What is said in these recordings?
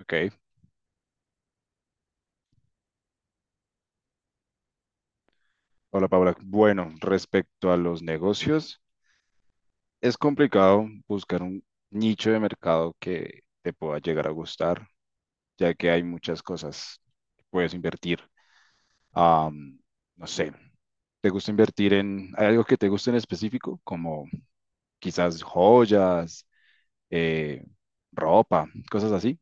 Ok, hola Paula. Bueno, respecto a los negocios, es complicado buscar un nicho de mercado que te pueda llegar a gustar, ya que hay muchas cosas que puedes invertir. Am, no sé, ¿te gusta invertir en, hay algo que te guste en específico, como quizás joyas, eh, ropa, cosas así?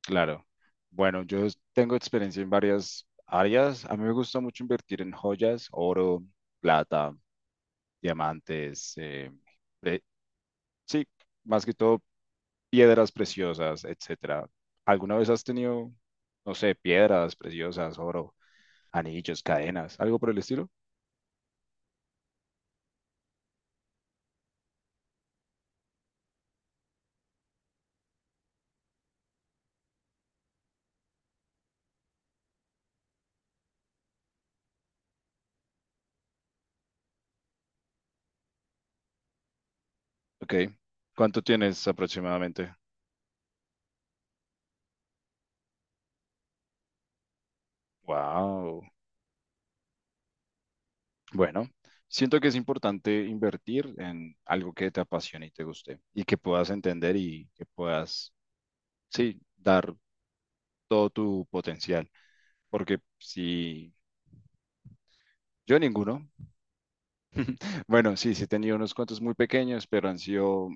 Claro. Bueno, yo tengo experiencia en varias áreas. A mí me gusta mucho invertir en joyas, oro, plata, diamantes, eh, sí, más que todo piedras preciosas, etcétera. ¿Alguna vez has tenido, no sé, piedras preciosas, oro, anillos, cadenas, algo por el estilo? Ok. ¿Cuánto tienes aproximadamente? Wow. Bueno, siento que es importante invertir en algo que te apasione y te guste y que puedas entender y que puedas, sí, dar todo tu potencial. Porque si, yo ninguno. Bueno, sí, sí he tenido unos cuantos muy pequeños, pero han sido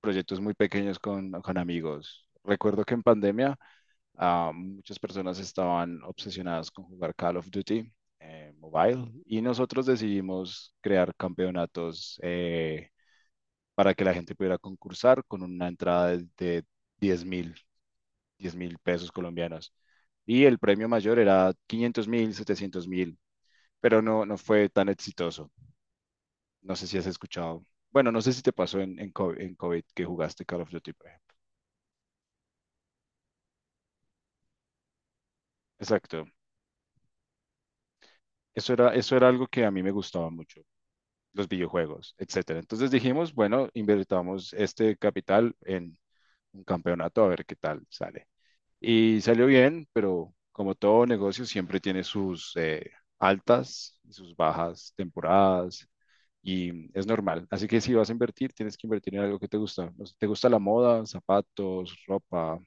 proyectos muy pequeños con amigos. Recuerdo que en pandemia, muchas personas estaban obsesionadas con jugar Call of Duty Mobile, y nosotros decidimos crear campeonatos, para que la gente pudiera concursar con una entrada de 10 mil, 10.000 pesos colombianos. Y el premio mayor era 500.000, 700.000, pero no, no fue tan exitoso. No sé si has escuchado. Bueno, no sé si te pasó en, en COVID, que jugaste Call of Duty, por ejemplo. Exacto. Eso era algo que a mí me gustaba mucho, los videojuegos, etcétera. Entonces dijimos, bueno, invertamos este capital en un campeonato a ver qué tal sale. Y salió bien, pero como todo negocio siempre tiene sus altas y sus bajas temporadas y es normal. Así que si vas a invertir, tienes que invertir en algo que te gusta. No sé, ¿te gusta la moda, zapatos, ropa,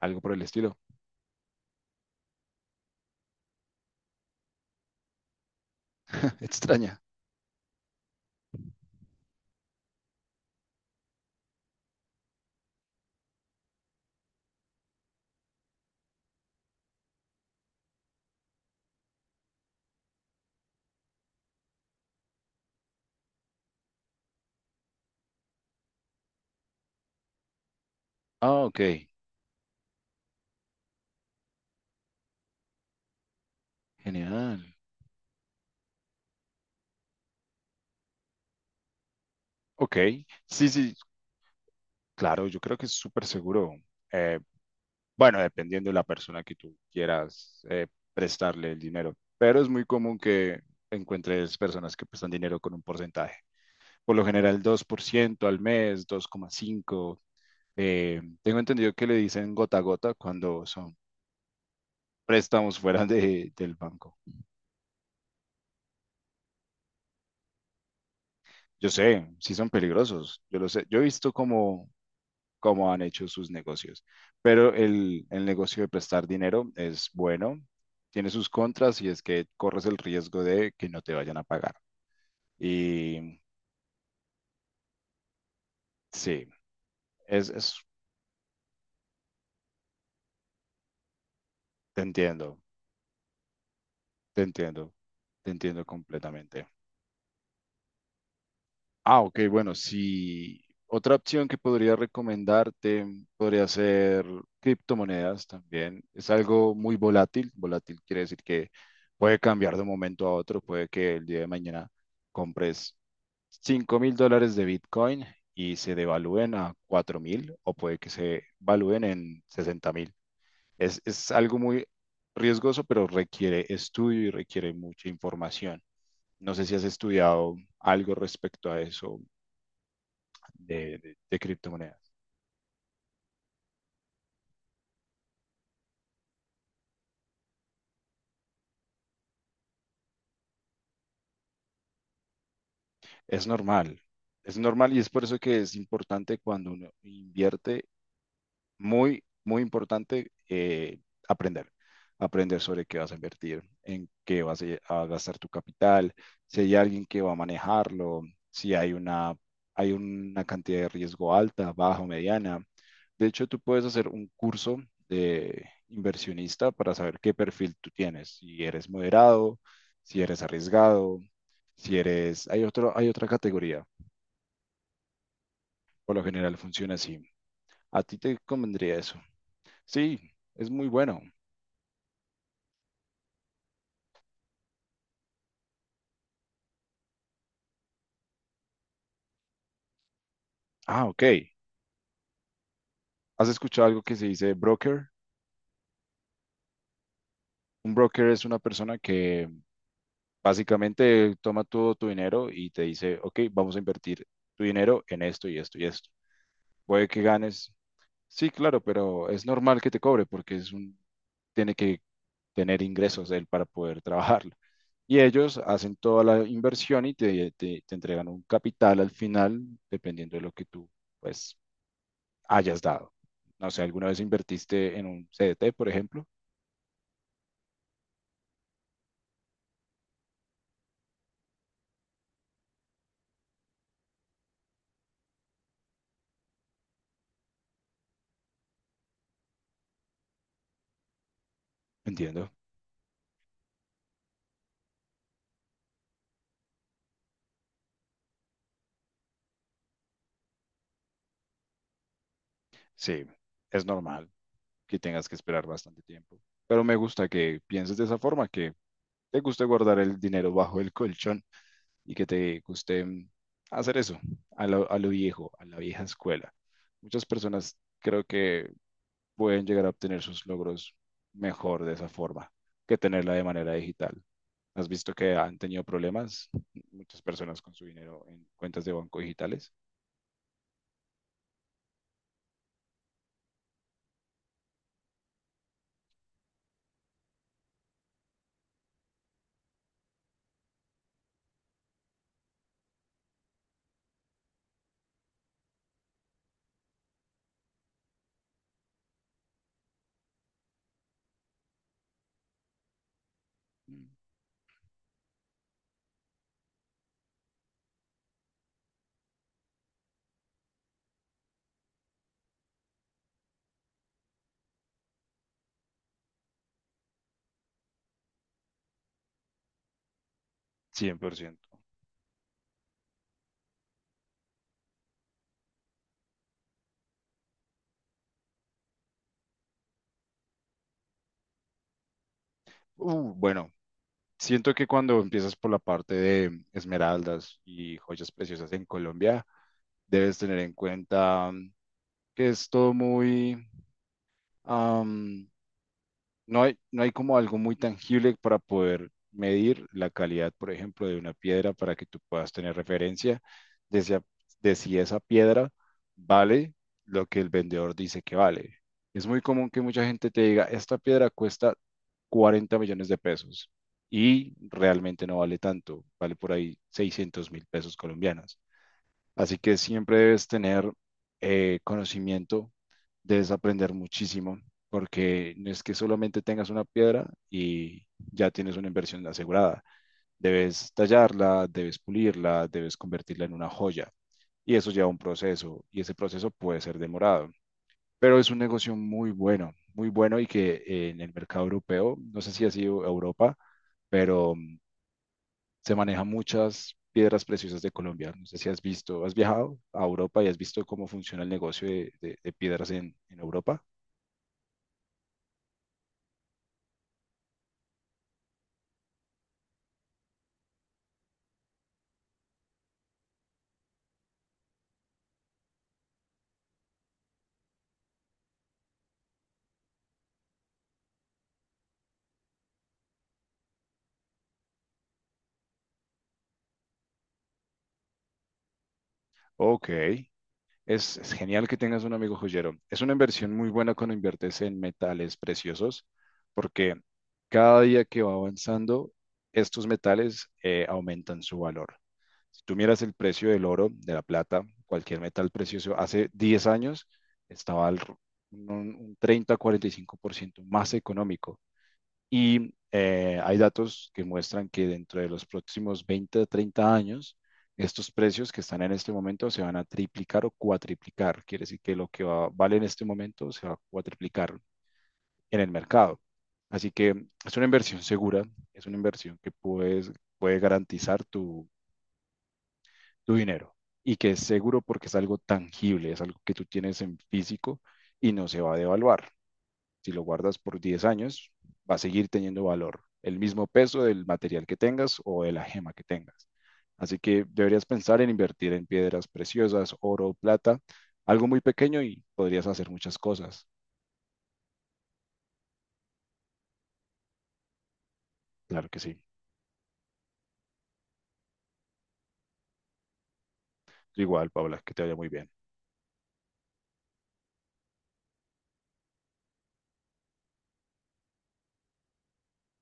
algo por el estilo? Extraña. Ah, ok. Genial. Ok. Sí, sí, claro, yo creo que es súper seguro. Eh, bueno, dependiendo de la persona que tú quieras, prestarle el dinero, pero es muy común que encuentres personas que prestan dinero con un porcentaje. Por lo general, 2% al mes, 2,5%. Tengo entendido que le dicen gota a gota cuando son préstamos fuera del banco. Yo sé, sí son peligrosos, yo lo sé. Yo he visto como cómo han hecho sus negocios. Pero el negocio de prestar dinero es bueno, tiene sus contras y es que corres el riesgo de que no te vayan a pagar. Y sí, es, es- te entiendo, te entiendo, te entiendo completamente. Ah, ok, bueno, sí. Otra opción que podría recomendarte podría ser criptomonedas también. Es algo muy volátil. Volátil quiere decir que puede cambiar de un momento a otro, puede que el día de mañana compres 5.000 dólares de Bitcoin y se devalúen a 4.000 o puede que se valúen en 60.000. Es algo muy riesgoso, pero requiere estudio y requiere mucha información. No sé si has estudiado algo respecto a eso de criptomonedas. Es normal, es normal y es por eso que es importante cuando uno invierte. Muy, muy importante, aprender, aprender sobre qué vas a invertir, en qué vas a gastar tu capital, si hay alguien que va a manejarlo, si hay una cantidad de riesgo alta, baja o mediana. De hecho, tú puedes hacer un curso de inversionista para saber qué perfil tú tienes, si eres moderado, si eres arriesgado, si eres. Hay otra categoría, por lo general funciona así. A ti te convendría eso. Sí, es muy bueno. Ah, ok. ¿Has escuchado algo que se dice broker? Un broker es una persona que básicamente toma todo tu dinero y te dice, ok, vamos a invertir tu dinero en esto y esto y esto. Puede que ganes. Sí, claro, pero es normal que te cobre porque es un, tiene que tener ingresos él para poder trabajarlo. Y ellos hacen toda la inversión y te entregan un capital al final, dependiendo de lo que tú, pues, hayas dado. No sé, ¿alguna vez invertiste en un CDT, por ejemplo? Entiendo. Sí, es normal que tengas que esperar bastante tiempo. Pero me gusta que pienses de esa forma, que te guste guardar el dinero bajo el colchón y que te guste, hacer eso a lo viejo, a la vieja escuela. Muchas personas creo que pueden llegar a obtener sus logros mejor de esa forma que tenerla de manera digital. ¿Has visto que han tenido problemas muchas personas con su dinero en cuentas de banco digitales? Mm, 100%. Bueno, siento que cuando empiezas por la parte de esmeraldas y joyas preciosas en Colombia, debes tener en cuenta, que es todo muy, am, no hay como algo muy tangible para poder medir la calidad, por ejemplo, de una piedra para que tú puedas tener referencia de si, a- de si esa piedra vale lo que el vendedor dice que vale. Es muy común que mucha gente te diga, esta piedra cuesta 40 millones de pesos y realmente no vale tanto, vale por ahí 600 mil pesos colombianos. Así que siempre debes tener, conocimiento, debes aprender muchísimo, porque no es que solamente tengas una piedra y ya tienes una inversión asegurada. Debes tallarla, debes pulirla, debes convertirla en una joya. Y eso lleva un proceso, y ese proceso puede ser demorado. Pero es un negocio muy bueno, muy bueno y que, en el mercado europeo, no sé si ha sido Europa, pero se manejan muchas piedras preciosas de Colombia. No sé si has visto, has viajado a Europa y has visto cómo funciona el negocio de piedras en Europa. Ok, es genial que tengas un amigo joyero. Es una inversión muy buena cuando inviertes en metales preciosos, porque cada día que va avanzando, estos metales aumentan su valor. Si tú miras el precio del oro, de la plata, cualquier metal precioso, hace 10 años estaba un, un 30-45% más económico. Y hay datos que muestran que dentro de los próximos 20 a 30 años, estos precios que están en este momento se van a triplicar o cuatriplicar. Quiere decir que lo que vale en este momento se va a cuatriplicar en el mercado. Así que es una inversión segura, es una inversión que puede garantizar tu, tu dinero y que es seguro porque es algo tangible, es algo que tú tienes en físico y no se va a devaluar. Si lo guardas por 10 años, va a seguir teniendo valor, el mismo peso del material que tengas o de la gema que tengas. Así que deberías pensar en invertir en piedras preciosas, oro, plata, algo muy pequeño y podrías hacer muchas cosas. Claro que sí. Igual, Paula, que te vaya muy bien.